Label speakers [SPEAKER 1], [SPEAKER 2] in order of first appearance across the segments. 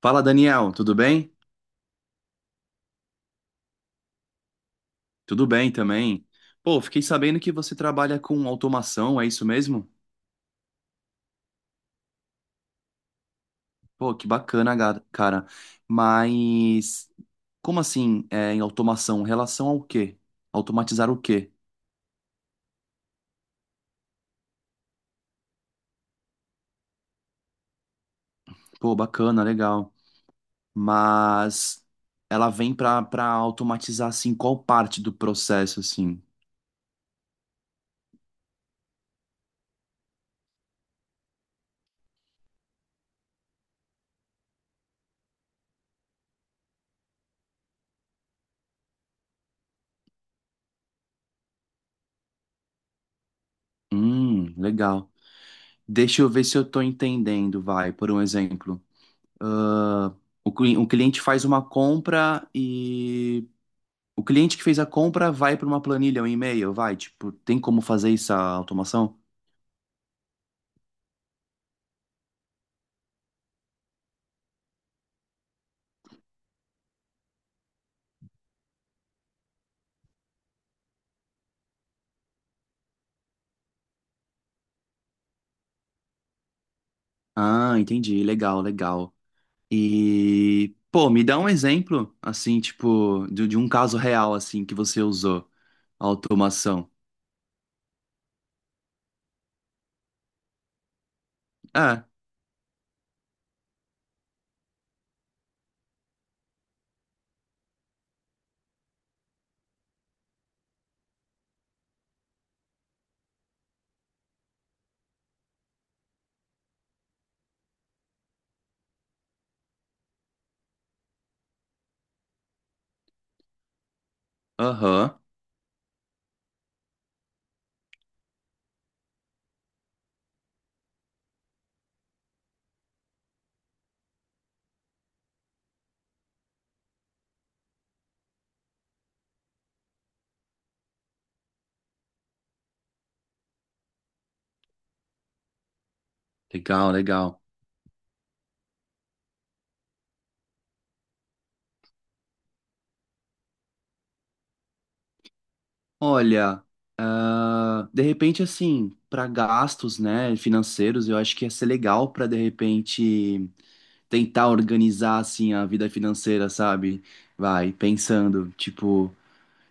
[SPEAKER 1] Fala, Daniel, tudo bem? Tudo bem também. Pô, fiquei sabendo que você trabalha com automação, é isso mesmo? Pô, que bacana, cara. Mas como assim, em automação? Relação ao quê? Automatizar o quê? Pô, bacana, legal. Mas ela vem para automatizar assim qual parte do processo assim. Legal. Deixa eu ver se eu estou entendendo, vai, por um exemplo. Ah, o cliente faz uma compra e. O cliente que fez a compra vai para uma planilha, um e-mail, vai, tipo, tem como fazer essa automação? Ah, entendi, legal, legal. E, pô, me dá um exemplo, assim, tipo, de um caso real, assim, que você usou a automação. Ah, aham, legal, legal. Olha, ah, de repente, assim, para gastos, né, financeiros, eu acho que ia ser legal para, de repente, tentar organizar, assim, a vida financeira, sabe? Vai, pensando, tipo.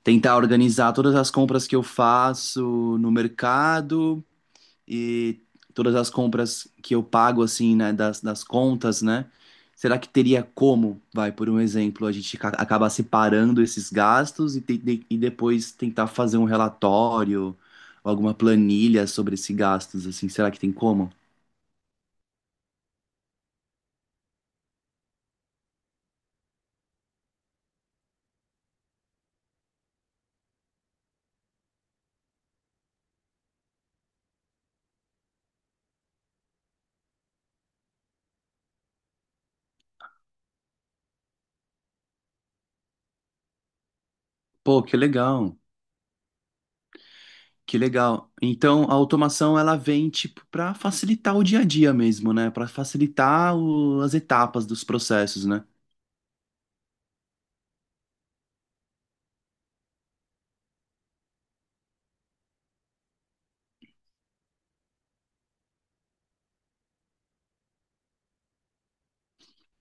[SPEAKER 1] Tentar organizar todas as compras que eu faço no mercado e todas as compras que eu pago, assim, né, das contas, né? Será que teria como, vai, por um exemplo, a gente acabar separando esses gastos e e depois tentar fazer um relatório ou alguma planilha sobre esses gastos, assim, será que tem como? Pô, que legal. Que legal. Então, a automação ela vem tipo para facilitar o dia a dia mesmo, né? Para facilitar as etapas dos processos, né?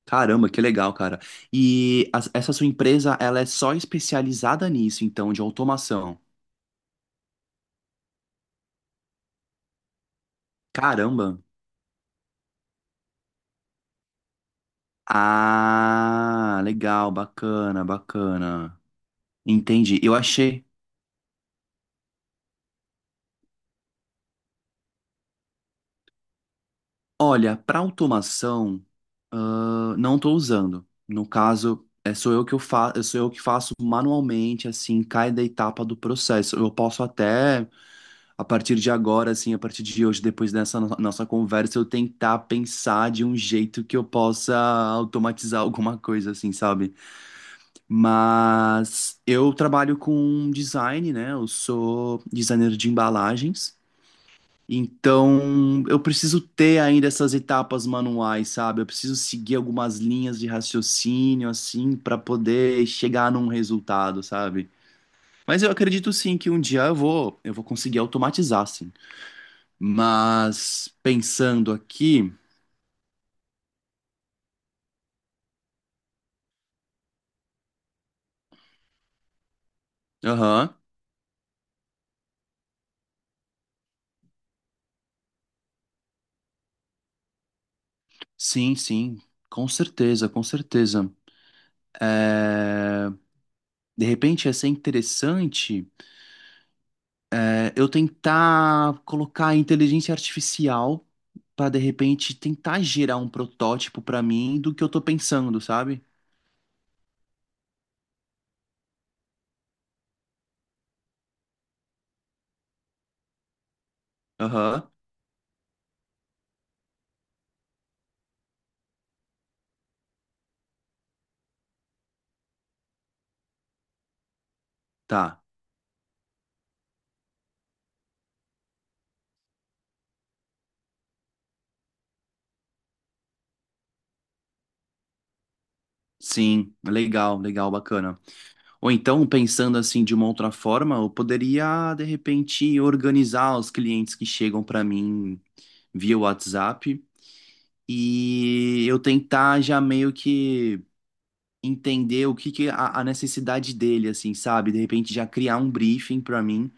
[SPEAKER 1] Caramba, que legal, cara. E essa sua empresa, ela é só especializada nisso, então, de automação. Caramba. Ah, legal, bacana, bacana. Entendi. Eu achei. Olha, para automação não estou usando. No caso, é, sou eu que faço manualmente, assim, cada etapa do processo. Eu posso até, a partir de agora, assim, a partir de hoje, depois dessa nossa conversa, eu tentar pensar de um jeito que eu possa automatizar alguma coisa, assim, sabe? Mas eu trabalho com design, né? Eu sou designer de embalagens. Então, eu preciso ter ainda essas etapas manuais, sabe? Eu preciso seguir algumas linhas de raciocínio, assim, para poder chegar num resultado, sabe? Mas eu acredito sim que um dia eu vou conseguir automatizar, sim. Mas pensando aqui, aham, sim, sim, com certeza, com certeza. É, de repente ia ser interessante eu tentar colocar a inteligência artificial para de repente tentar gerar um protótipo para mim do que eu tô pensando, sabe? Aham, tá. Sim, legal, legal, bacana. Ou então, pensando assim de uma outra forma, eu poderia de repente organizar os clientes que chegam para mim via WhatsApp e eu tentar já meio que entender o que que a necessidade dele, assim, sabe? De repente já criar um briefing para mim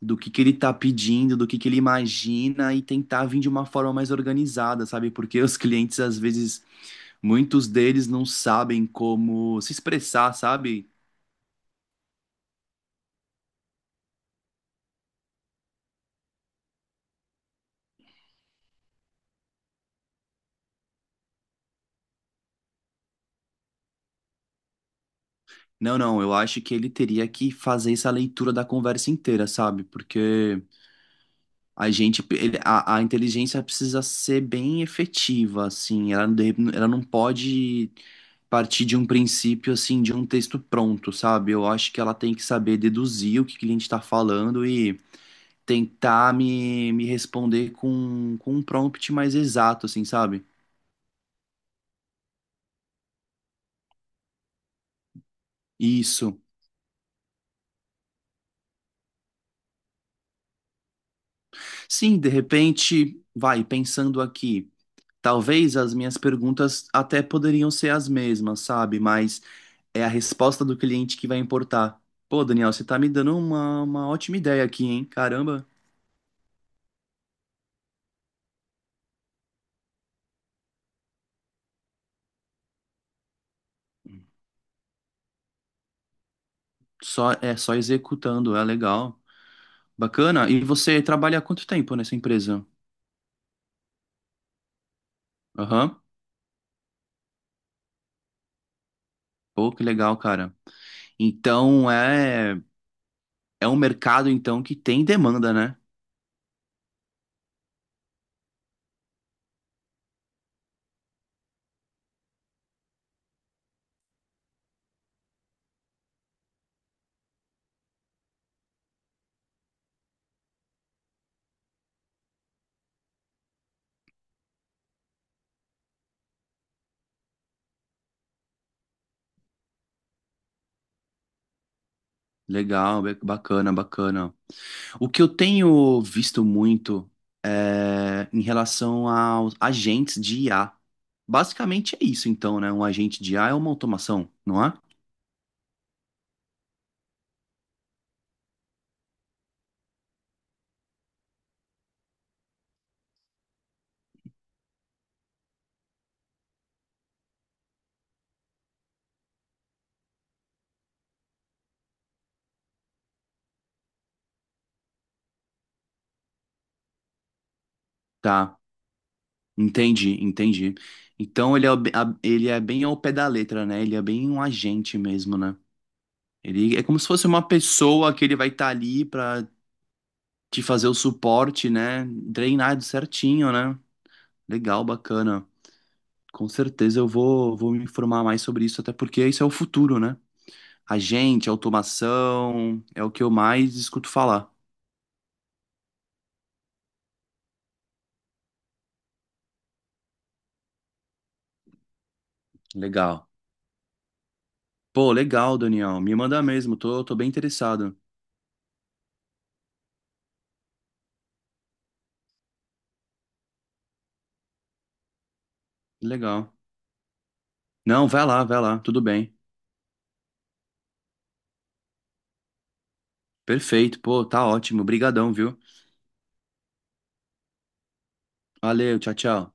[SPEAKER 1] do que ele tá pedindo, do que ele imagina e tentar vir de uma forma mais organizada, sabe? Porque os clientes, às vezes, muitos deles não sabem como se expressar, sabe? Não, não, eu acho que ele teria que fazer essa leitura da conversa inteira, sabe? Porque a gente, ele- a inteligência precisa ser bem efetiva, assim, ela, ela não pode partir de um princípio, assim, de um texto pronto, sabe? Eu acho que ela tem que saber deduzir o que o cliente está falando tentar me responder com um prompt mais exato, assim, sabe? Isso. Sim, de repente, vai, pensando aqui. Talvez as minhas perguntas até poderiam ser as mesmas, sabe? Mas é a resposta do cliente que vai importar. Pô, Daniel, você tá me dando uma ótima ideia aqui, hein? Caramba, só é só executando, é legal. Bacana. E você trabalha há quanto tempo nessa empresa? Aham. Pô, que legal, cara. Então, é. É um mercado, então, que tem demanda, né? Legal, bacana, bacana. O que eu tenho visto muito é em relação aos agentes de IA. Basicamente é isso, então, né? Um agente de IA é uma automação, não é? Tá, entendi, entendi. Então ele é, ele é bem ao pé da letra, né? Ele é bem um agente mesmo, né? Ele é como se fosse uma pessoa que ele vai estar ali pra te fazer o suporte, né? Treinado certinho, né? Legal, bacana. Com certeza vou me informar mais sobre isso, até porque isso é o futuro, né? A gente, automação, é o que eu mais escuto falar. Legal. Pô, legal, Daniel. Me manda mesmo, tô bem interessado. Legal. Não, vai lá, tudo bem. Perfeito, pô, tá ótimo. Obrigadão, viu? Valeu, tchau, tchau.